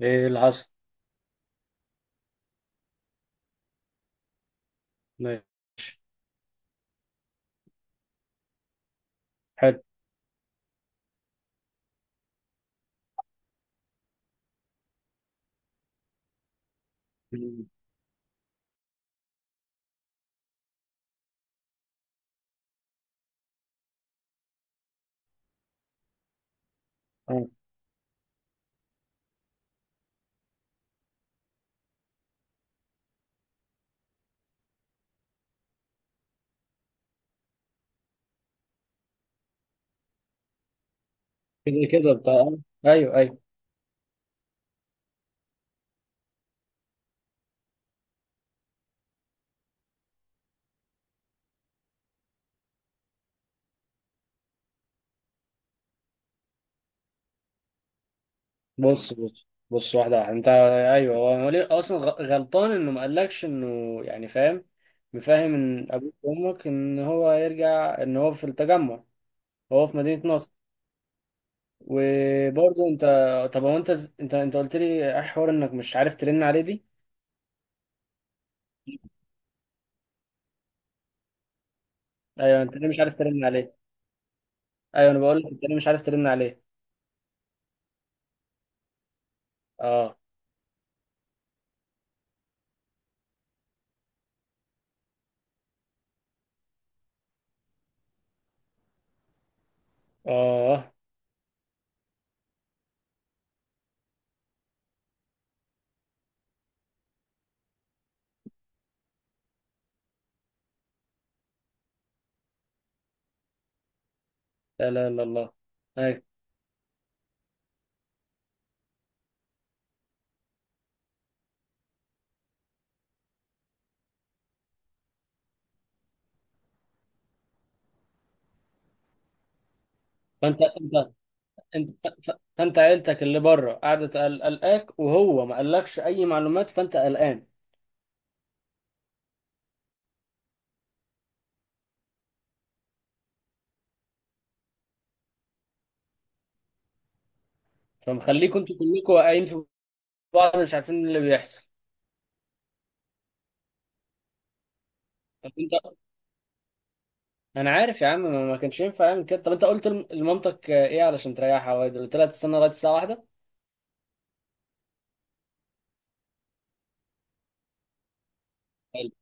ايه اللي حصل؟ إيه. حلو. آه. كده كده بتاع. ايوه، ايوه. بص، بص، بص، واحده واحده. انت، ايوه، هو ليه اصلا غلطان انه ما قالكش انه، يعني فاهم؟ مفهم ان ابوك وامك ان هو يرجع، ان هو في التجمع، هو في مدينه نصر. وبرضه انت، طب هو انت انت قلت لي ايه حوار انك مش عارف ترن عليه دي؟ ايوه، انت ليه مش عارف ترن عليه؟ ايوه انا بقول لك، انت ليه مش عارف ترن عليه؟ اه، اه. لا لا لا، الله. ايوه. فانت انت ف- فانت عيلتك اللي بره قاعده قلقاك، وهو ما قالكش اي معلومات، فانت قلقان. فمخليكم انتوا كلكم واقعين في بعض، مش عارفين اللي بيحصل. طب انت، انا عارف يا عم، ما كانش ينفع يعمل كده. طب انت قلت لمامتك، ايه، علشان تريحها، واد قلت لها تستنى لغايه الساعه واحدة؟ حلو.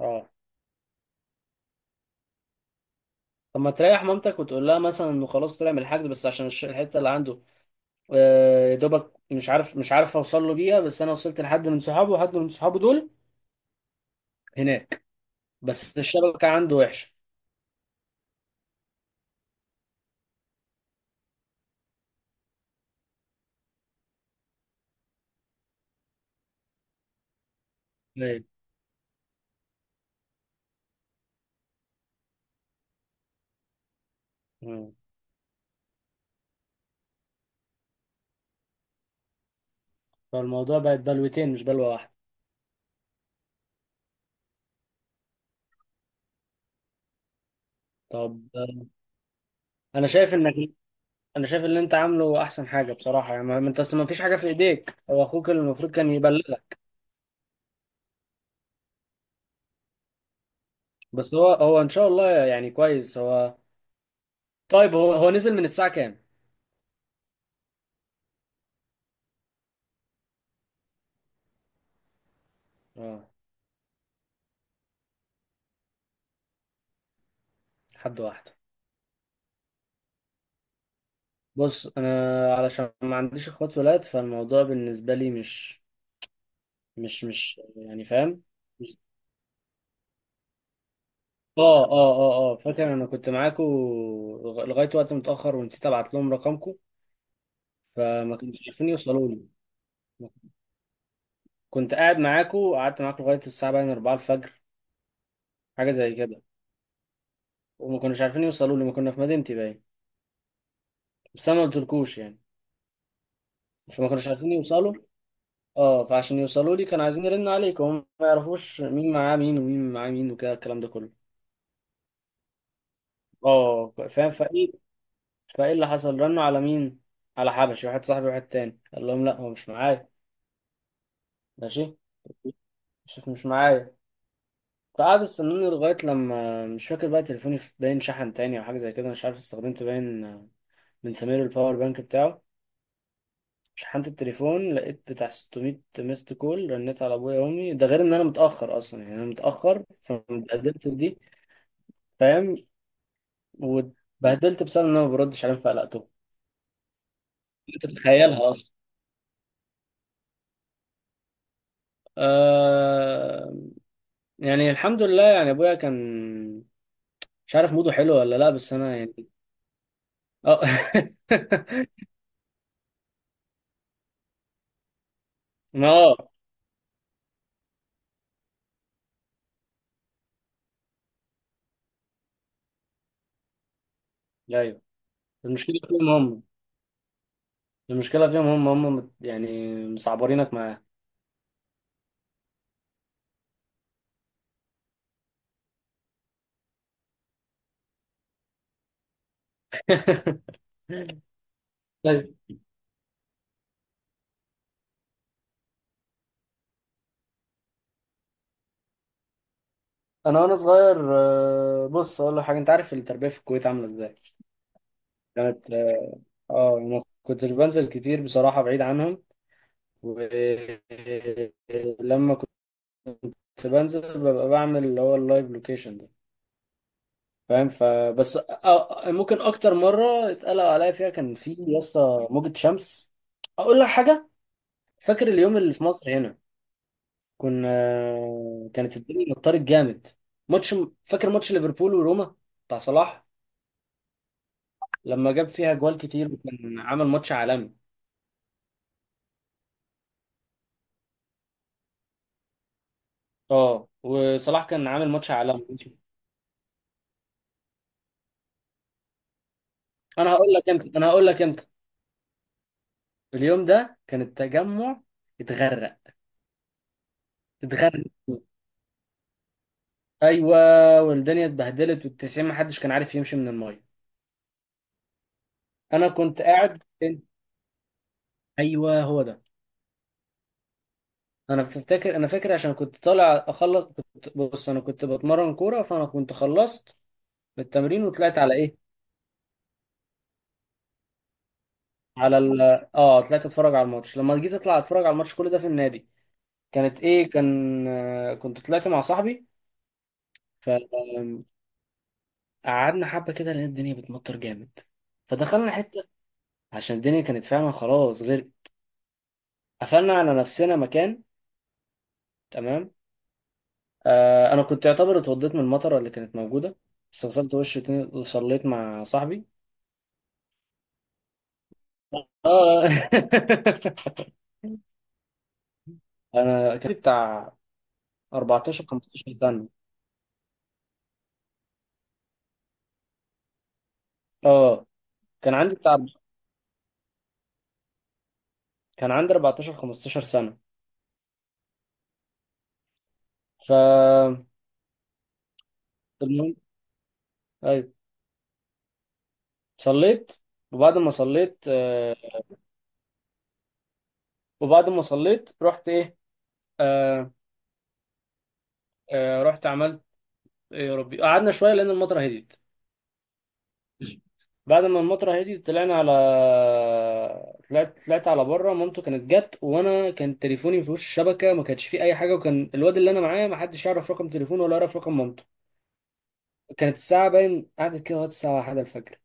اه. طب ما تريح مامتك وتقول لها مثلا انه خلاص طلع من الحجز، بس عشان الحته اللي عنده، يا دوبك مش عارف اوصل له بيها، بس انا وصلت لحد من صحابه، وحد من صحابه دول هناك، بس الشبكه عنده وحشه. ايوه. مم. فالموضوع بقت بلوتين مش بلوة واحدة. طب. انا شايف انك انا شايف اللي انت عامله احسن حاجة بصراحة، يعني ما انت اصل ما فيش حاجة في ايديك، هو اخوك اللي المفروض كان يبلغك. بس هو ان شاء الله يعني كويس. هو طيب، هو نزل من الساعة كام؟ اه. حد واحدة. بص انا علشان ما عنديش اخوات ولاد، فالموضوع بالنسبة لي مش، مش يعني فاهم. مش- اه، اه، اه، اه، فاكر انا كنت معاكم لغاية وقت متأخر ونسيت ابعت لهم رقمكم، فما كانوش عارفين يوصلوا لي. كنت قاعد معاكو وقعدت معاكو لغاية الساعة باين 4 الفجر، حاجة زي كده، وما كانوش عارفين يوصلوا لي، ما كنا في مدينتي باين. بس أنا ما قلتلكوش يعني، فما كانوش عارفين يوصلوا. اه، فعشان يوصلوا لي كانوا عايزين يرنوا عليك، وهم ما يعرفوش مين معاه مين، ومين معاه مين، وكده الكلام ده كله. اه، فاهم. فايه، فايه اللي حصل؟ رنوا على مين؟ على حبشي واحد صاحبي، واحد تاني قال لهم لا هو مش معايا. ماشي. شوف مش معايا. فقعدوا استنوني لغاية لما، مش فاكر بقى تليفوني باين شحن تاني أو حاجة زي كده، مش عارف، استخدمت باين بنسميله الباور بانك بتاعه، شحنت التليفون لقيت بتاع 600 ميست كول. رنيت على ابويا وامي، ده غير ان انا متاخر اصلا يعني، انا متاخر، فاتبهدلت في دي، فاهم، واتبهدلت بسبب ان انا ما بردش عليهم فقلقتهم. انت تتخيلها اصلا. آه يعني الحمد لله، يعني ابويا كان، مش عارف موده حلو ولا لا، بس انا يعني اه. ما اه ايوه. المشكله فيهم هم المشكله فيهم، يعني مصعبرينك معاه. انا وانا صغير، بص اقول لك حاجه، انت عارف التربيه في الكويت عامله ازاي. كانت اه آه، ما كنتش بنزل كتير بصراحه، بعيد عنهم، ولما كنت بنزل ببقى بعمل اللي هو اللايف لوكيشن ده، فاهم. فبس آه، آه، ممكن اكتر مره اتقلق عليا فيها كان في يا اسطى موجه شمس. اقول لك حاجه، فاكر اليوم اللي في مصر هنا؟ كنا آه، كانت الدنيا مطرت جامد، ماتش، فاكر ماتش ليفربول وروما بتاع صلاح، لما جاب فيها جوال كتير وكان عامل ماتش عالمي؟ اه، وصلاح كان عامل ماتش عالمي. انا هقول لك انت، اليوم ده كان التجمع اتغرق، اتغرق. ايوه، والدنيا اتبهدلت، والتسعين محدش كان عارف يمشي من المايه. انا كنت قاعد فين؟ ايوه هو ده. انا فاكر عشان كنت طالع اخلص، كنت، بص انا كنت بتمرن كوره، فانا كنت خلصت من التمرين وطلعت على ايه، على ال... اه طلعت اتفرج على الماتش. لما جيت اطلع اتفرج على الماتش، كل ده في النادي، كانت ايه كان آه، كنت طلعت مع صاحبي، فقعدنا حبه كده، لقيت الدنيا بتمطر جامد، فدخلنا حته، عشان الدنيا كانت فعلا خلاص غير، قفلنا على نفسنا مكان، تمام. آه، انا كنت يعتبر اتوضيت من المطره اللي كانت موجوده، بس غسلت وشي تاني وصليت مع صاحبي. اه. انا كان بتاع 14 15 سنه. اه، كان عندي بتاع كان عندي 14 15 سنه، ف، المهم، ايوه، صليت. وبعد ما صليت آه، وبعد ما صليت، رحت ايه آه، آه، رحت عملت إيه، يا ربي، قعدنا شويه لان المطره هديت. بعد ما المطره هديت طلعنا على، طلعت على بره. مامته كانت جت، وانا كان تليفوني ما فيهوش شبكه، ما كانش فيه اي حاجه، وكان الواد اللي انا معاه ما حدش يعرف رقم تليفونه ولا يعرف رقم مامته. كانت الساعه باين قعدت كده لغايه الساعه 1 الفجر،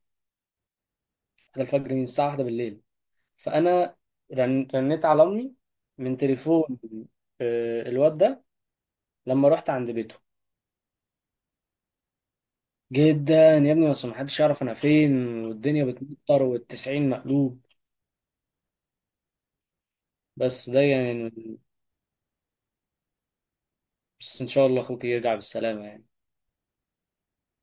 1 الفجر، من الساعه 1 بالليل. فانا رنيت على امي من تليفون، الواد ده، لما رحت عند بيته، جدا يا ابني، بس محدش يعرف انا فين، والدنيا بتمطر والتسعين مقلوب. بس ده يعني، بس ان شاء الله اخوك يرجع بالسلامة يعني.